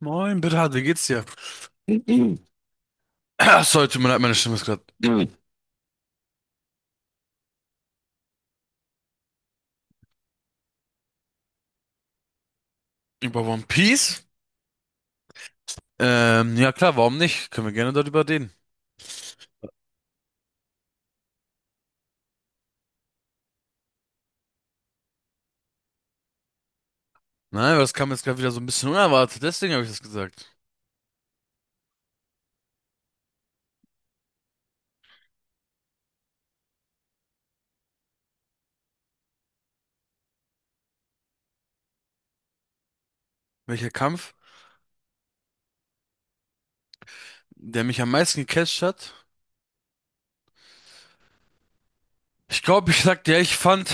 Moin, Bernhard, wie geht's dir? Ach, sorry, tut mir leid, meine Stimme ist gerade Mhm. Über One Piece. Ja klar, warum nicht? Können wir gerne darüber reden. Nein, aber das kam jetzt gerade wieder so ein bisschen unerwartet, deswegen habe ich das gesagt. Welcher Kampf, der mich am meisten gecatcht hat? Ich glaube, ich sag dir, ich fand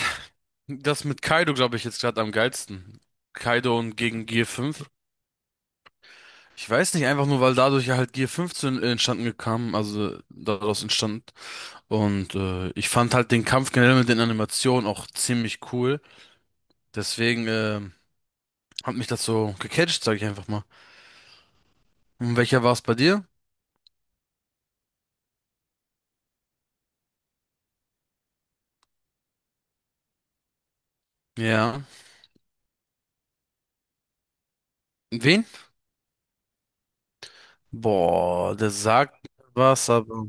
das mit Kaido, glaube ich, jetzt gerade am geilsten. Kaido und gegen Gear 5. Ich weiß nicht, einfach nur, weil dadurch ja halt Gear 5 zu entstanden kam, also daraus entstand. Und ich fand halt den Kampf generell mit den Animationen auch ziemlich cool. Deswegen hat mich das so gecatcht, sag ich einfach mal. Und welcher war es bei dir? Ja. Wen? Boah, der sagt was, aber.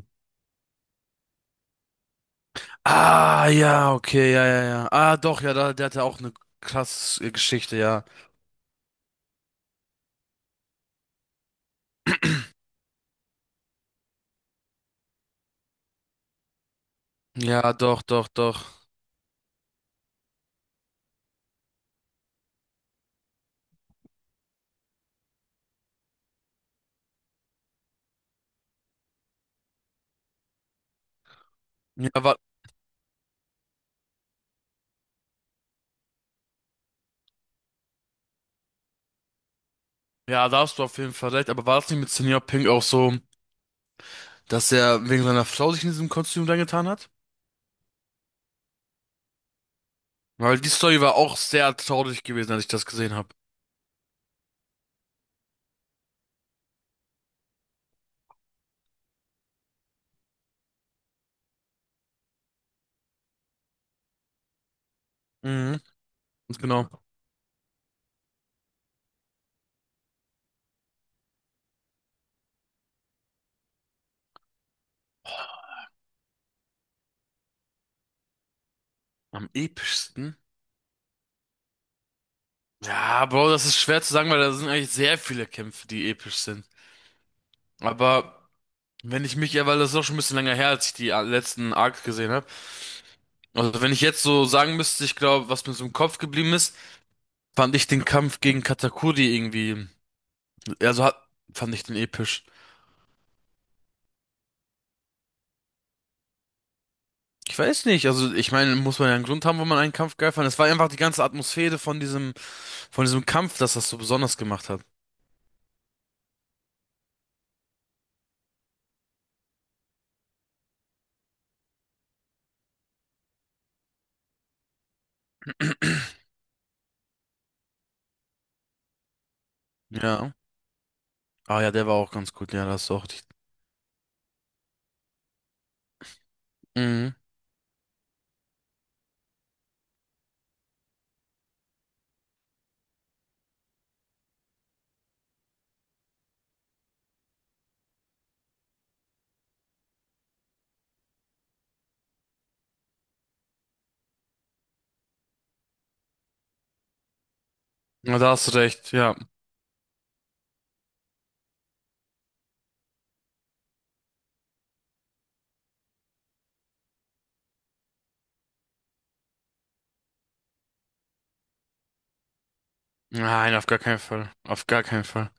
Ah, ja, okay, ja, ja, ja. Ah, doch, ja, da, der hatte auch eine krasse Geschichte, ja. Ja, doch, doch, doch. Ja, war, ja, da hast du auf jeden Fall recht, aber war das nicht mit Senior Pink auch so, dass er wegen seiner Frau sich in diesem Kostüm reingetan hat? Weil die Story war auch sehr traurig gewesen, als ich das gesehen habe. Mhm, ganz genau. Am epischsten? Ja, Bro, das ist schwer zu sagen, weil da sind eigentlich sehr viele Kämpfe, die episch sind. Aber wenn ich mich, ja, weil das ist auch schon ein bisschen länger her, als ich die letzten Arcs gesehen habe. Also wenn ich jetzt so sagen müsste, ich glaube, was mir so im Kopf geblieben ist, fand ich den Kampf gegen Katakuri irgendwie, also hat, fand ich den episch. Ich weiß nicht, also ich meine, muss man ja einen Grund haben, wo man einen Kampf geil fand. Es war einfach die ganze Atmosphäre von diesem Kampf, das das so besonders gemacht hat. Ja. Ah ja, der war auch ganz gut, ja, das ist auch Mhm. Na, da hast du recht, ja. Nein, auf gar keinen Fall. Auf gar keinen Fall.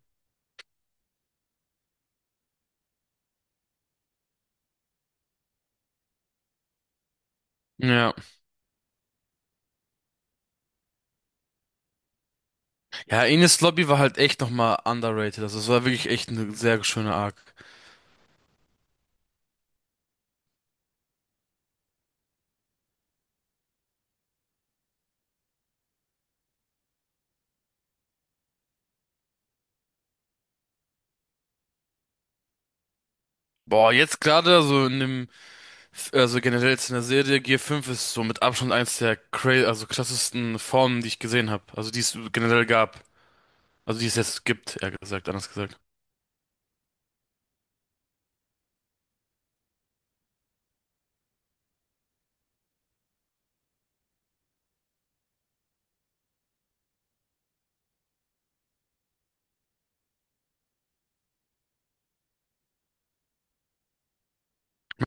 Ja. Ja, Ines Lobby war halt echt nochmal underrated. Also es war wirklich echt eine sehr schöne Arc. Boah, jetzt gerade, also in dem, also generell jetzt in der Serie, Gear fünf ist so mit Abstand eins der cra also krassesten Formen, die ich gesehen habe. Also die es generell gab. Also die es jetzt gibt, eher gesagt, anders gesagt.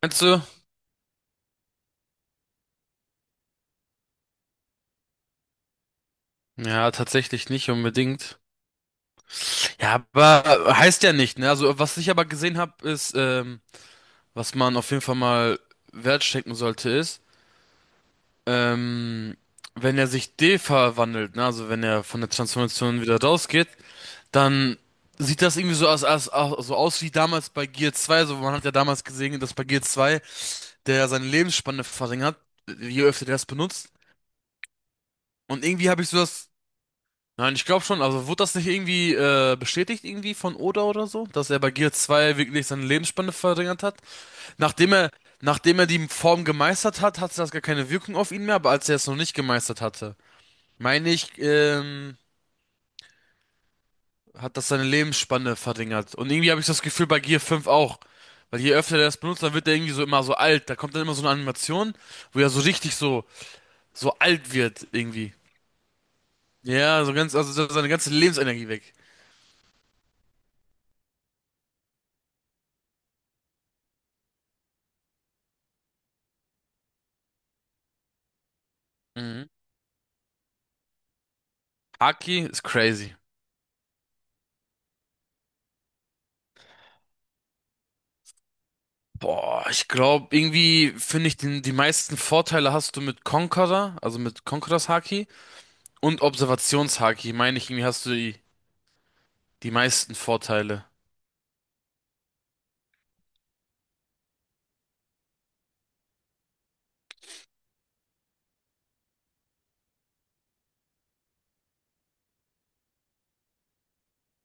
Meinst du? Ja, tatsächlich nicht unbedingt. Ja, aber heißt ja nicht, ne? Also was ich aber gesehen habe, ist, was man auf jeden Fall mal wertstecken sollte, ist, ähm, wenn er sich de-verwandelt, ne, also wenn er von der Transformation wieder rausgeht, dann sieht das irgendwie so aus, so aus wie damals bei Gear 2. So, man hat ja damals gesehen, dass bei Gear 2 der ja seine Lebensspanne verringert, je öfter der das benutzt. Und irgendwie habe ich so das. Nein, ich glaube schon. Also wurde das nicht irgendwie bestätigt irgendwie von Oda oder so, dass er bei Gear 2 wirklich seine Lebensspanne verringert hat? Nachdem er, nachdem er die Form gemeistert hat, hatte das gar keine Wirkung auf ihn mehr, aber als er es noch nicht gemeistert hatte, meine ich, hat das seine Lebensspanne verringert. Und irgendwie habe ich das Gefühl bei Gear fünf auch. Weil je öfter der das benutzt, dann wird er irgendwie so immer so alt. Da kommt dann immer so eine Animation, wo er so richtig so, so alt wird irgendwie. Ja, so ganz, also so seine ganze Lebensenergie weg. Mhm. Haki ist crazy. Boah, ich glaube, irgendwie finde ich den, die meisten Vorteile hast du mit Conqueror, also mit Conquerors Haki. Und Observationshaki, meine ich, irgendwie hast du die, die meisten Vorteile.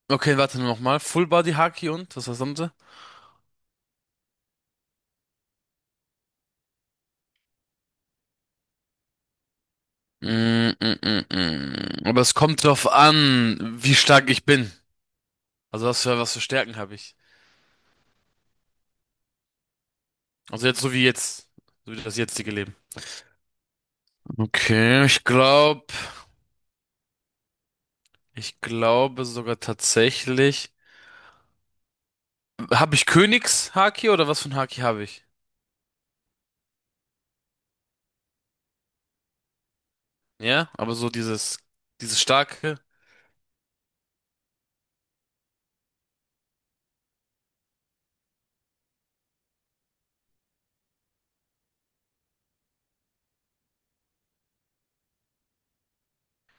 Okay, warte nochmal. Full Body Haki und? Was war das andere? Mm. Aber es kommt drauf an, wie stark ich bin. Also was für Stärken habe ich. Also jetzt. So wie das jetzige Leben. Okay, ich glaube sogar tatsächlich. Habe ich Königshaki oder was für ein Haki habe ich? Ja, aber so dieses, dieses starke.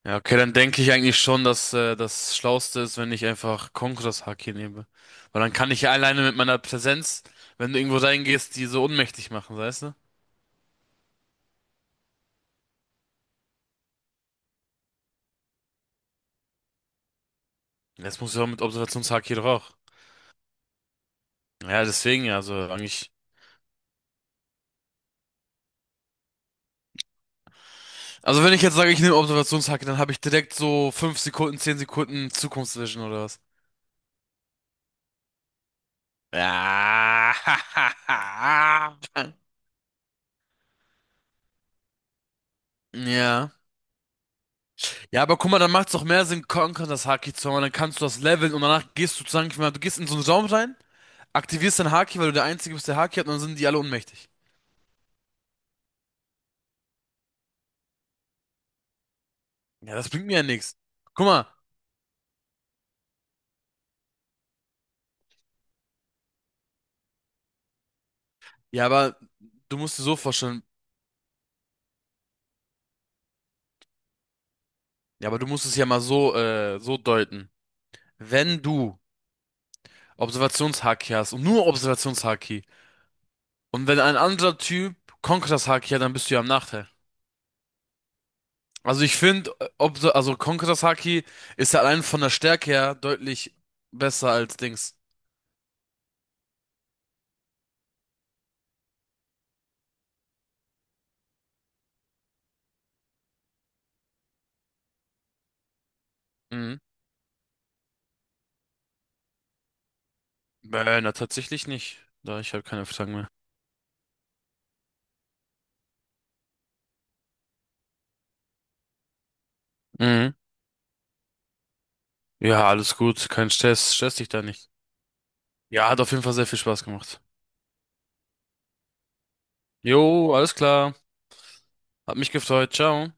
Ja, okay, dann denke ich eigentlich schon, dass das Schlauste ist, wenn ich einfach Konkuras Haki nehme. Weil dann kann ich ja alleine mit meiner Präsenz, wenn du irgendwo reingehst, die so ohnmächtig machen, weißt du? Jetzt muss ich auch mit Observationshaki doch auch. Ja, deswegen ja, also eigentlich. Also wenn ich jetzt sage, ich nehme Observationshaki, dann habe ich direkt so 5 Sekunden, 10 Sekunden Zukunftsvision oder was? Ja. Ja. Ja, aber guck mal, dann macht's doch mehr Sinn, Conquer das Haki zu haben, dann kannst du das leveln und danach gehst du sozusagen, ich meine, du gehst in so einen Raum rein, aktivierst dein Haki, weil du der Einzige bist, der Haki hat, und dann sind die alle ohnmächtig. Ja, das bringt mir ja nichts. Guck mal, ja, aber du musst dir so vorstellen, ja, aber du musst es ja mal so, so deuten. Wenn du Observationshaki hast und nur Observationshaki und wenn ein anderer Typ Konkuras Haki hat, dann bist du ja im Nachteil. Also ich finde, also Konkuras Haki ist ja allein von der Stärke her deutlich besser als Dings. Mhm. Na, tatsächlich nicht. Da, ich habe keine Fragen mehr. Mhm. Ja, alles gut, kein Stress, stress dich da nicht. Ja, hat auf jeden Fall sehr viel Spaß gemacht. Jo, alles klar. Hat mich gefreut. Ciao.